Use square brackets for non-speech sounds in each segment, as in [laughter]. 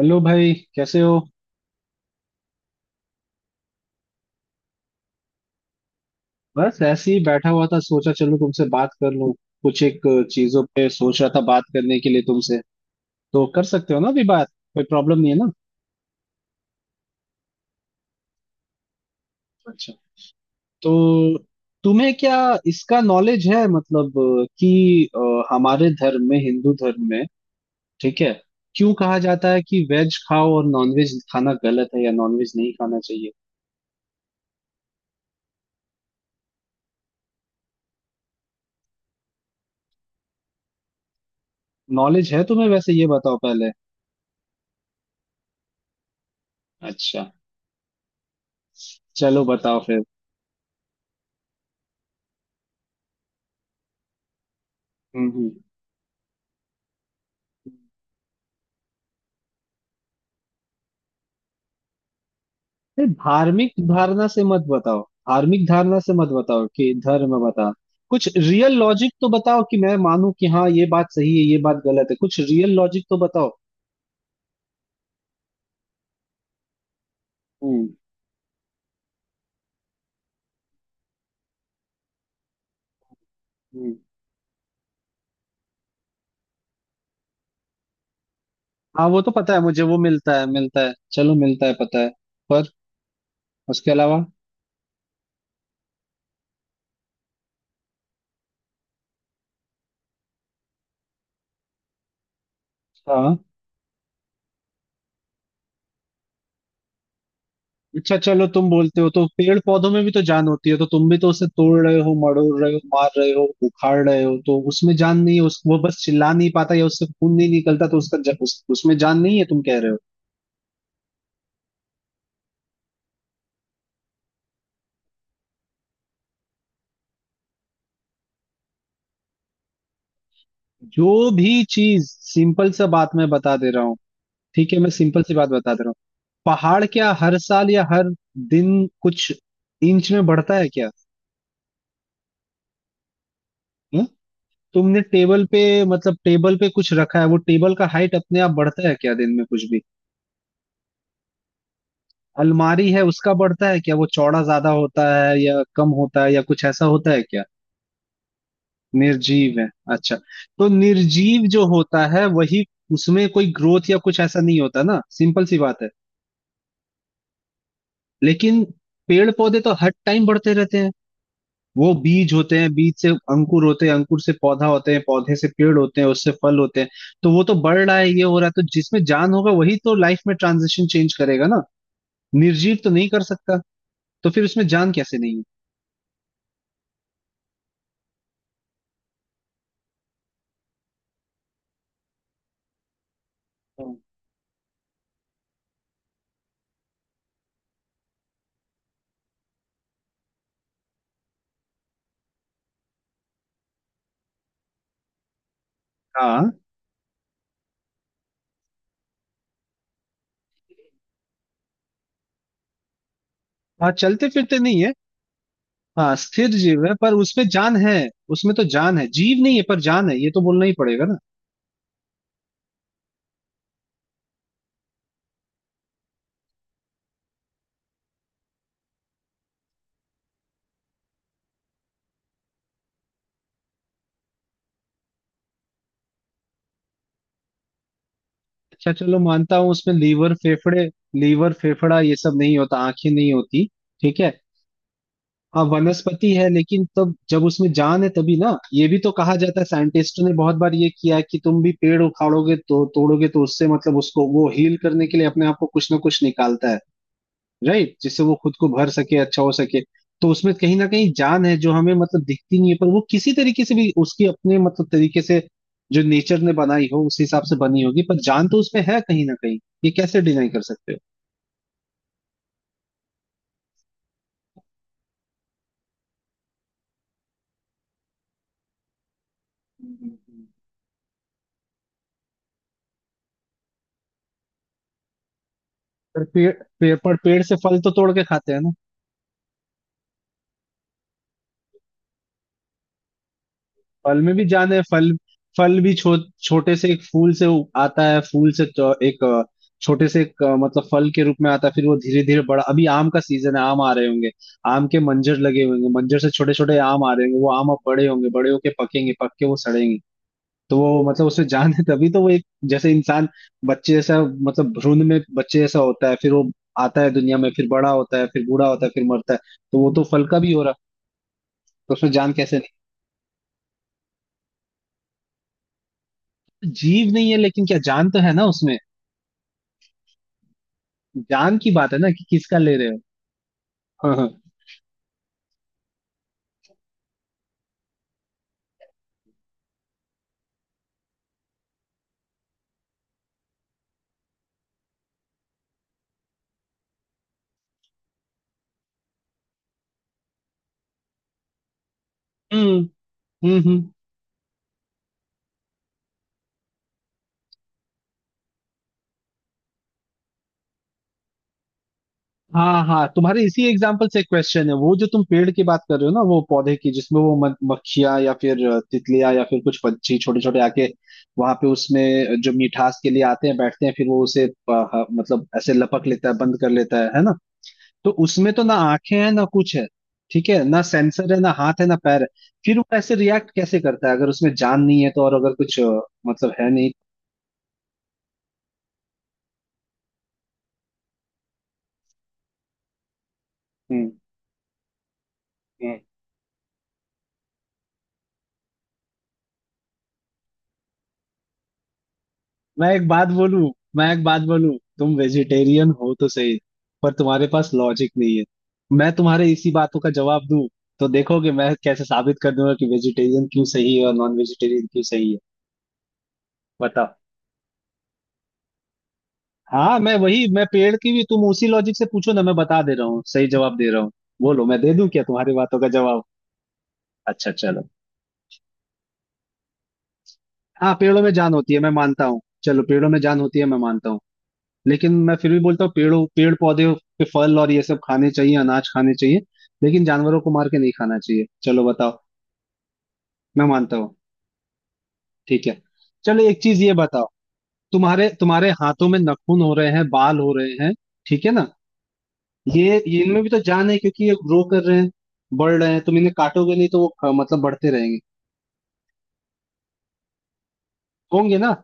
Hello भाई, कैसे हो। बस ऐसे ही बैठा हुआ था, सोचा चलो तुमसे बात कर लूं। कुछ एक चीजों पे सोच रहा था बात करने के लिए तुमसे। तो कर सकते हो ना अभी बात। कोई प्रॉब्लम नहीं है ना। अच्छा। तो तुम्हें क्या इसका नॉलेज है, मतलब कि हमारे धर्म में, हिंदू धर्म में, ठीक है, क्यों कहा जाता है कि वेज खाओ और नॉनवेज खाना गलत है या नॉनवेज नहीं खाना चाहिए। नॉलेज है तुम्हें वैसे, ये बताओ पहले। अच्छा, चलो बताओ फिर। हम्म हम्म नहीं, धार्मिक धारणा से मत बताओ। धार्मिक धारणा से मत बताओ कि धर्म बता। कुछ रियल लॉजिक तो बताओ कि मैं मानूं कि हाँ ये बात सही है, ये बात गलत है। कुछ रियल लॉजिक तो बताओ। हम्म हम्म हाँ, वो तो पता है मुझे, वो मिलता है मिलता है, चलो मिलता है, पता है। पर उसके अलावा। हाँ। अच्छा चलो, तुम बोलते हो तो पेड़ पौधों में भी तो जान होती है। तो तुम भी तो उसे तोड़ रहे हो, मड़ोड़ रहे हो, मार रहे हो, उखाड़ रहे हो। तो उसमें जान नहीं है? उस, वो बस चिल्ला नहीं पाता या उससे खून नहीं निकलता तो उसमें जान नहीं है, तुम कह रहे हो। जो भी चीज, सिंपल सा बात मैं बता दे रहा हूँ। ठीक है, मैं सिंपल सी बात बता दे रहा हूँ। पहाड़ क्या हर साल या हर दिन कुछ इंच में बढ़ता है क्या? हं? तुमने टेबल पे, मतलब टेबल पे कुछ रखा है, वो टेबल का हाइट अपने आप बढ़ता है क्या दिन में कुछ भी? अलमारी है, उसका बढ़ता है क्या? वो चौड़ा ज्यादा होता है या कम होता है या कुछ ऐसा होता है क्या? निर्जीव है। अच्छा। तो निर्जीव जो होता है, वही, उसमें कोई ग्रोथ या कुछ ऐसा नहीं होता ना, सिंपल सी बात है। लेकिन पेड़ पौधे तो हर टाइम बढ़ते रहते हैं। वो बीज होते हैं, बीज से अंकुर होते हैं, अंकुर से पौधा होते हैं, पौधे से पेड़ होते हैं, उससे फल होते हैं। तो वो तो बढ़ रहा है, ये हो रहा है। तो जिसमें जान होगा वही तो लाइफ में ट्रांजिशन चेंज करेगा ना। निर्जीव तो नहीं कर सकता। तो फिर उसमें जान कैसे नहीं है? हम्म। हाँ हाँ, चलते फिरते नहीं है। हाँ स्थिर जीव है, पर उसमें जान है। उसमें तो जान है, जीव नहीं है पर जान है, ये तो बोलना ही पड़ेगा ना। अच्छा चलो, मानता हूँ उसमें लीवर फेफड़े, लीवर फेफड़ा ये सब नहीं होता, आंखें नहीं होती। ठीक है। हाँ वनस्पति है, लेकिन तब जब उसमें जान है तभी ना। ये भी तो कहा जाता है, साइंटिस्टों ने बहुत बार ये किया है कि तुम भी पेड़ उखाड़ोगे तो, तोड़ोगे तो उससे, मतलब उसको वो हील करने के लिए अपने आप को कुछ ना कुछ निकालता है। राइट, जिससे वो खुद को भर सके, अच्छा हो सके। तो उसमें कहीं ना कहीं जान है, जो हमें मतलब दिखती नहीं है, पर वो किसी तरीके से भी उसकी अपने मतलब तरीके से, जो नेचर ने बनाई हो उस हिसाब से बनी होगी, पर जान तो उसमें है कहीं ना कहीं। ये कैसे डिनाई कर सकते हो? हम्म, हम्म, हम्म। पर पेड़ पेड़ पर, पेड़ से फल तो तोड़ के खाते हैं ना। फल में भी जान है। फल फल भी छो, छोटे से एक फूल से आता है। फूल से तो एक छोटे से एक मतलब फल के रूप में आता है, फिर वो धीरे धीरे बड़ा। अभी आम का सीजन है, आम आ रहे होंगे। आम के मंजर लगे होंगे, मंजर से छोटे छोटे आम आ रहे होंगे, वो आम अब बड़े होंगे, बड़े होके पकेंगे, पक के वो सड़ेंगे। तो वो मतलब, उसमें जान है तभी तो वो, एक जैसे इंसान, बच्चे जैसा, मतलब भ्रूण में बच्चे जैसा होता है, फिर वो आता है दुनिया में, फिर बड़ा होता है, फिर बूढ़ा होता है, फिर मरता है। तो वो तो फल का भी हो रहा। तो उसमें जान कैसे नहीं? जीव नहीं है लेकिन क्या जान तो है ना उसमें। जान की बात है ना कि किसका ले रहे हो। हाँ हाँ। हम्म हम्म। हाँ हाँ, तुम्हारे इसी एग्जाम्पल से क्वेश्चन है। वो जो तुम पेड़ की बात कर रहे हो ना, वो पौधे की, जिसमें वो मक्खियाँ या फिर तितलियाँ या फिर कुछ पंछी छोटे छोटे आके वहां पे, उसमें जो मिठास के लिए आते हैं, बैठते हैं, फिर वो उसे मतलब ऐसे लपक लेता है, बंद कर लेता है ना। तो उसमें तो ना आंखें हैं, ना कुछ है, ठीक है ना, सेंसर है, ना हाथ है, ना पैर है। फिर वो ऐसे रिएक्ट कैसे करता है अगर उसमें जान नहीं है तो, और अगर मतलब है नहीं। हम्म। हम्म। मैं एक बात बोलूं, मैं एक बात बोलूं। तुम वेजिटेरियन हो तो सही, पर तुम्हारे पास लॉजिक नहीं है। मैं तुम्हारे इसी बातों का जवाब दूं तो देखोगे मैं कैसे साबित कर दूंगा कि वेजिटेरियन क्यों सही है और नॉन वेजिटेरियन क्यों सही है। बताओ। हाँ मैं वही, मैं पेड़ की भी तुम उसी लॉजिक से पूछो ना, मैं बता दे रहा हूँ, सही जवाब दे रहा हूँ। बोलो, मैं दे दूं क्या तुम्हारी बातों का जवाब? अच्छा चलो। हाँ पेड़ों में जान होती है, मैं मानता हूँ। चलो, पेड़ों में जान होती है, मैं मानता हूँ। लेकिन मैं फिर भी बोलता हूँ, पेड़ पौधे के फल और ये सब खाने चाहिए, अनाज खाने चाहिए, लेकिन जानवरों को मार के नहीं खाना चाहिए। चलो बताओ। मैं मानता हूँ। ठीक है, चलो एक चीज ये बताओ। तुम्हारे तुम्हारे हाथों में नाखून हो रहे हैं, बाल हो रहे हैं, ठीक है ना। ये इनमें भी तो जान है, क्योंकि ये ग्रो कर रहे हैं, बढ़ रहे हैं। तुम इन्हें काटोगे नहीं तो वो मतलब बढ़ते रहेंगे, होंगे ना।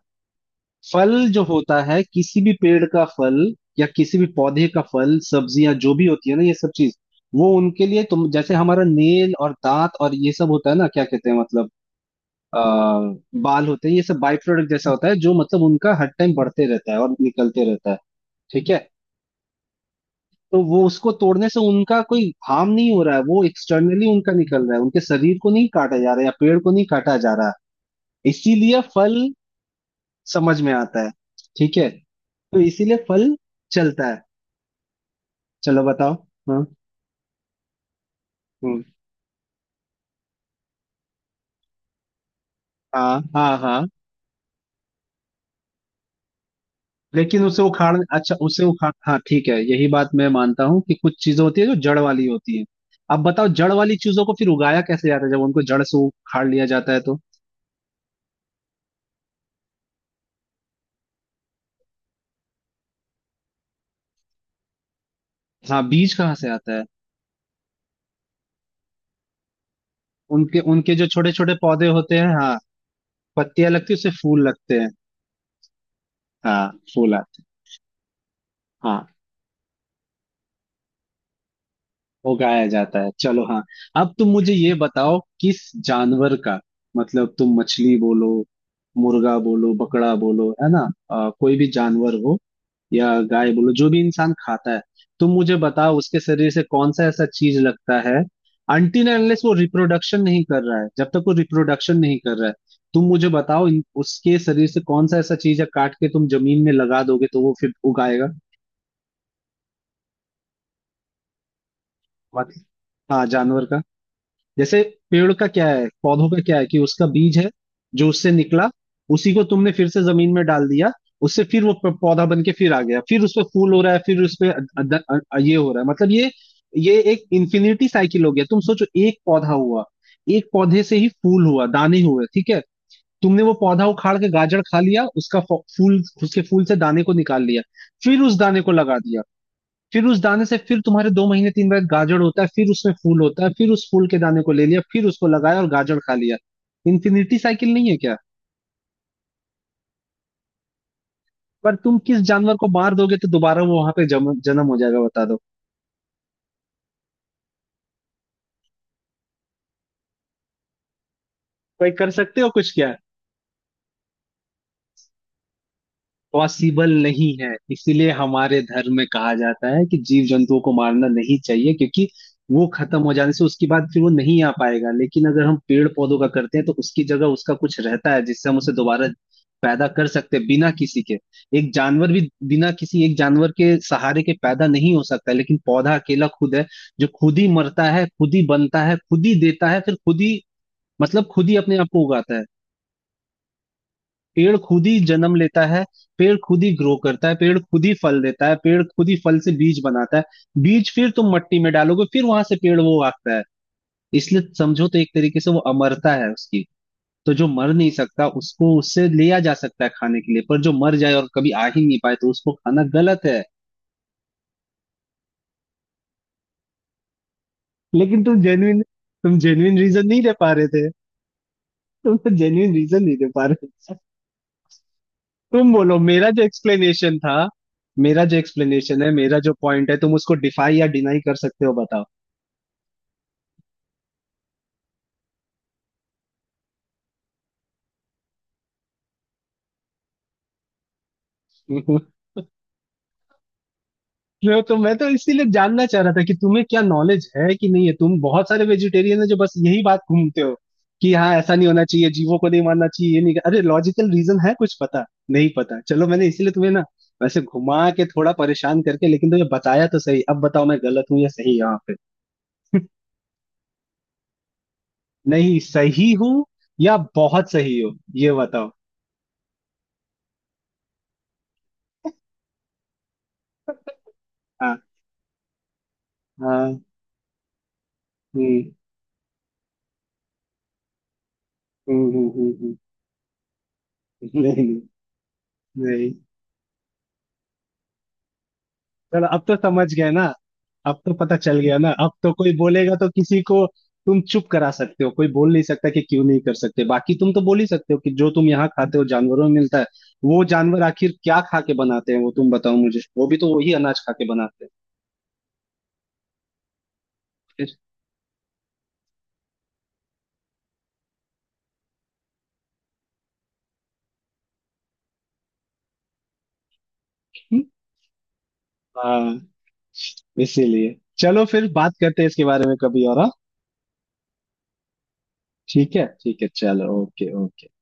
फल जो होता है, किसी भी पेड़ का फल या किसी भी पौधे का फल, सब्जियां जो भी होती है ना, ये सब चीज वो उनके लिए, तुम जैसे हमारा नेल और दांत और ये सब होता है ना, क्या कहते हैं मतलब, आ, बाल होते हैं, ये सब बाई प्रोडक्ट जैसा होता है, जो मतलब उनका हर टाइम बढ़ते रहता है और निकलते रहता है, ठीक है। तो वो उसको तोड़ने से उनका कोई हार्म नहीं हो रहा है, वो एक्सटर्नली उनका निकल रहा है, उनके शरीर को नहीं काटा जा रहा है या पेड़ को नहीं काटा जा रहा है। इसीलिए फल समझ में आता है, ठीक है, तो इसीलिए फल चलता है। चलो बताओ। हाँ। हम्म। हाँ हाँ हाँ, लेकिन उसे उखाड़, अच्छा उसे उखाड़, हाँ ठीक है, यही बात मैं मानता हूँ कि कुछ चीजें होती है जो जड़ वाली होती है। अब बताओ, जड़ वाली चीजों को फिर उगाया कैसे जाता है जब उनको जड़ से उखाड़ लिया जाता है तो? हाँ, बीज कहाँ से आता है? उनके उनके जो छोटे छोटे पौधे होते हैं, हाँ, पत्तियां लगती है, उससे फूल लगते हैं। हाँ फूल आते हैं। हाँ, वो गाया जाता है, चलो हाँ। अब तुम मुझे ये बताओ, किस जानवर का, मतलब तुम मछली बोलो, मुर्गा बोलो, बकड़ा बोलो, है ना, कोई भी जानवर हो, या गाय बोलो, जो भी इंसान खाता है, तुम मुझे बताओ उसके शरीर से कौन सा ऐसा चीज लगता है, अनटिल अनलेस वो रिप्रोडक्शन नहीं कर रहा है, जब तक वो रिप्रोडक्शन नहीं कर रहा है, तुम मुझे बताओ उसके शरीर से कौन सा ऐसा चीज है काट के तुम जमीन में लगा दोगे तो वो फिर उगाएगा? मत, हाँ जानवर का। जैसे पेड़ का क्या है, पौधों का क्या है, कि उसका बीज है जो उससे निकला, उसी को तुमने फिर से जमीन में डाल दिया, उससे फिर वो पौधा बन के फिर आ गया, फिर उस पे फूल हो रहा है, फिर उस पे ये हो रहा है, मतलब ये एक इन्फिनिटी साइकिल हो गया। तुम सोचो, एक पौधा हुआ, एक पौधे से ही फूल हुआ, दाने हुए, ठीक है, तुमने वो पौधा उखाड़ के गाजर खा लिया, उसका फ- फूल, उसके फूल से दाने को निकाल लिया, फिर उस दाने को लगा दिया, फिर उस दाने से फिर तुम्हारे दो महीने तीन बार गाजर होता है, फिर उसमें फूल होता है, फिर उस फूल के दाने को ले लिया, फिर उसको लगाया और गाजर खा लिया। इन्फिनिटी साइकिल नहीं है क्या? पर तुम किस जानवर को मार दोगे तो दोबारा वो वहां पे जन्म हो जाएगा, बता दो। कोई कर सकते हो कुछ क्या? पॉसिबल नहीं है। इसीलिए हमारे धर्म में कहा जाता है कि जीव जंतुओं को मारना नहीं चाहिए, क्योंकि वो खत्म हो जाने से उसके बाद फिर वो नहीं आ पाएगा। लेकिन अगर हम पेड़ पौधों का करते हैं तो उसकी जगह उसका कुछ रहता है, जिससे हम उसे दोबारा पैदा कर सकते हैं बिना किसी के। एक जानवर भी बिना किसी एक जानवर के सहारे के पैदा नहीं हो सकता, लेकिन पौधा अकेला खुद है, जो खुद ही मरता है, खुद ही बनता है, खुद ही देता है, फिर खुद ही मतलब खुद ही अपने आप को उगाता है। पेड़ खुद ही जन्म लेता है, पेड़ खुद ही ग्रो करता है, पेड़ खुद ही फल देता है, पेड़ खुद ही फल से बीज बनाता है। बीज फिर तुम मट्टी में डालोगे, फिर वहां से पेड़ वो उगता है। इसलिए समझो तो एक तरीके से वो अमरता है उसकी। तो जो मर नहीं सकता उसको उससे लिया जा सकता है खाने के लिए, पर जो मर जाए और कभी आ ही नहीं पाए तो उसको खाना गलत है। लेकिन तुम जेन्युइन, तुम जेन्युइन रीजन नहीं दे पा रहे थे, तुम तो जेन्युइन रीजन नहीं दे पा रहे। तुम बोलो, मेरा जो एक्सप्लेनेशन था, मेरा जो एक्सप्लेनेशन है, मेरा जो पॉइंट है, तुम उसको डिफाई या डिनाई कर सकते हो, बताओ। [laughs] मैं तो, मैं तो इसीलिए जानना चाह रहा था कि तुम्हें क्या नॉलेज है कि नहीं है। तुम बहुत सारे वेजिटेरियन है जो बस यही बात घूमते हो कि हाँ ऐसा नहीं होना चाहिए, जीवों को नहीं मानना चाहिए ये नहीं। अरे लॉजिकल रीजन है कुछ, पता नहीं, पता। चलो मैंने इसीलिए तुम्हें ना वैसे घुमा के थोड़ा परेशान करके लेकिन तुम्हें बताया तो सही। अब बताओ मैं गलत हूँ या सही यहाँ पे? नहीं सही हूँ या बहुत सही हो, ये बताओ। हाँ हाँ। हम्म, हम्म, हम्म, हम्म, नहीं। नहीं, चलो अब तो समझ गए ना, अब तो पता चल गया ना, अब तो कोई बोलेगा तो किसी को तुम चुप करा सकते हो, कोई बोल नहीं सकता कि क्यों नहीं कर सकते। बाकी तुम तो बोल ही सकते हो कि जो तुम यहाँ खाते हो जानवरों में मिलता है, वो जानवर आखिर क्या खा के बनाते हैं, वो तुम बताओ मुझे, वो भी तो वही अनाज खा के बनाते हैं। फिर। हम्म, हाँ। इसीलिए चलो, फिर बात करते हैं इसके बारे में कभी और, हाँ। ठीक है, ठीक है, चलो, ओके ओके।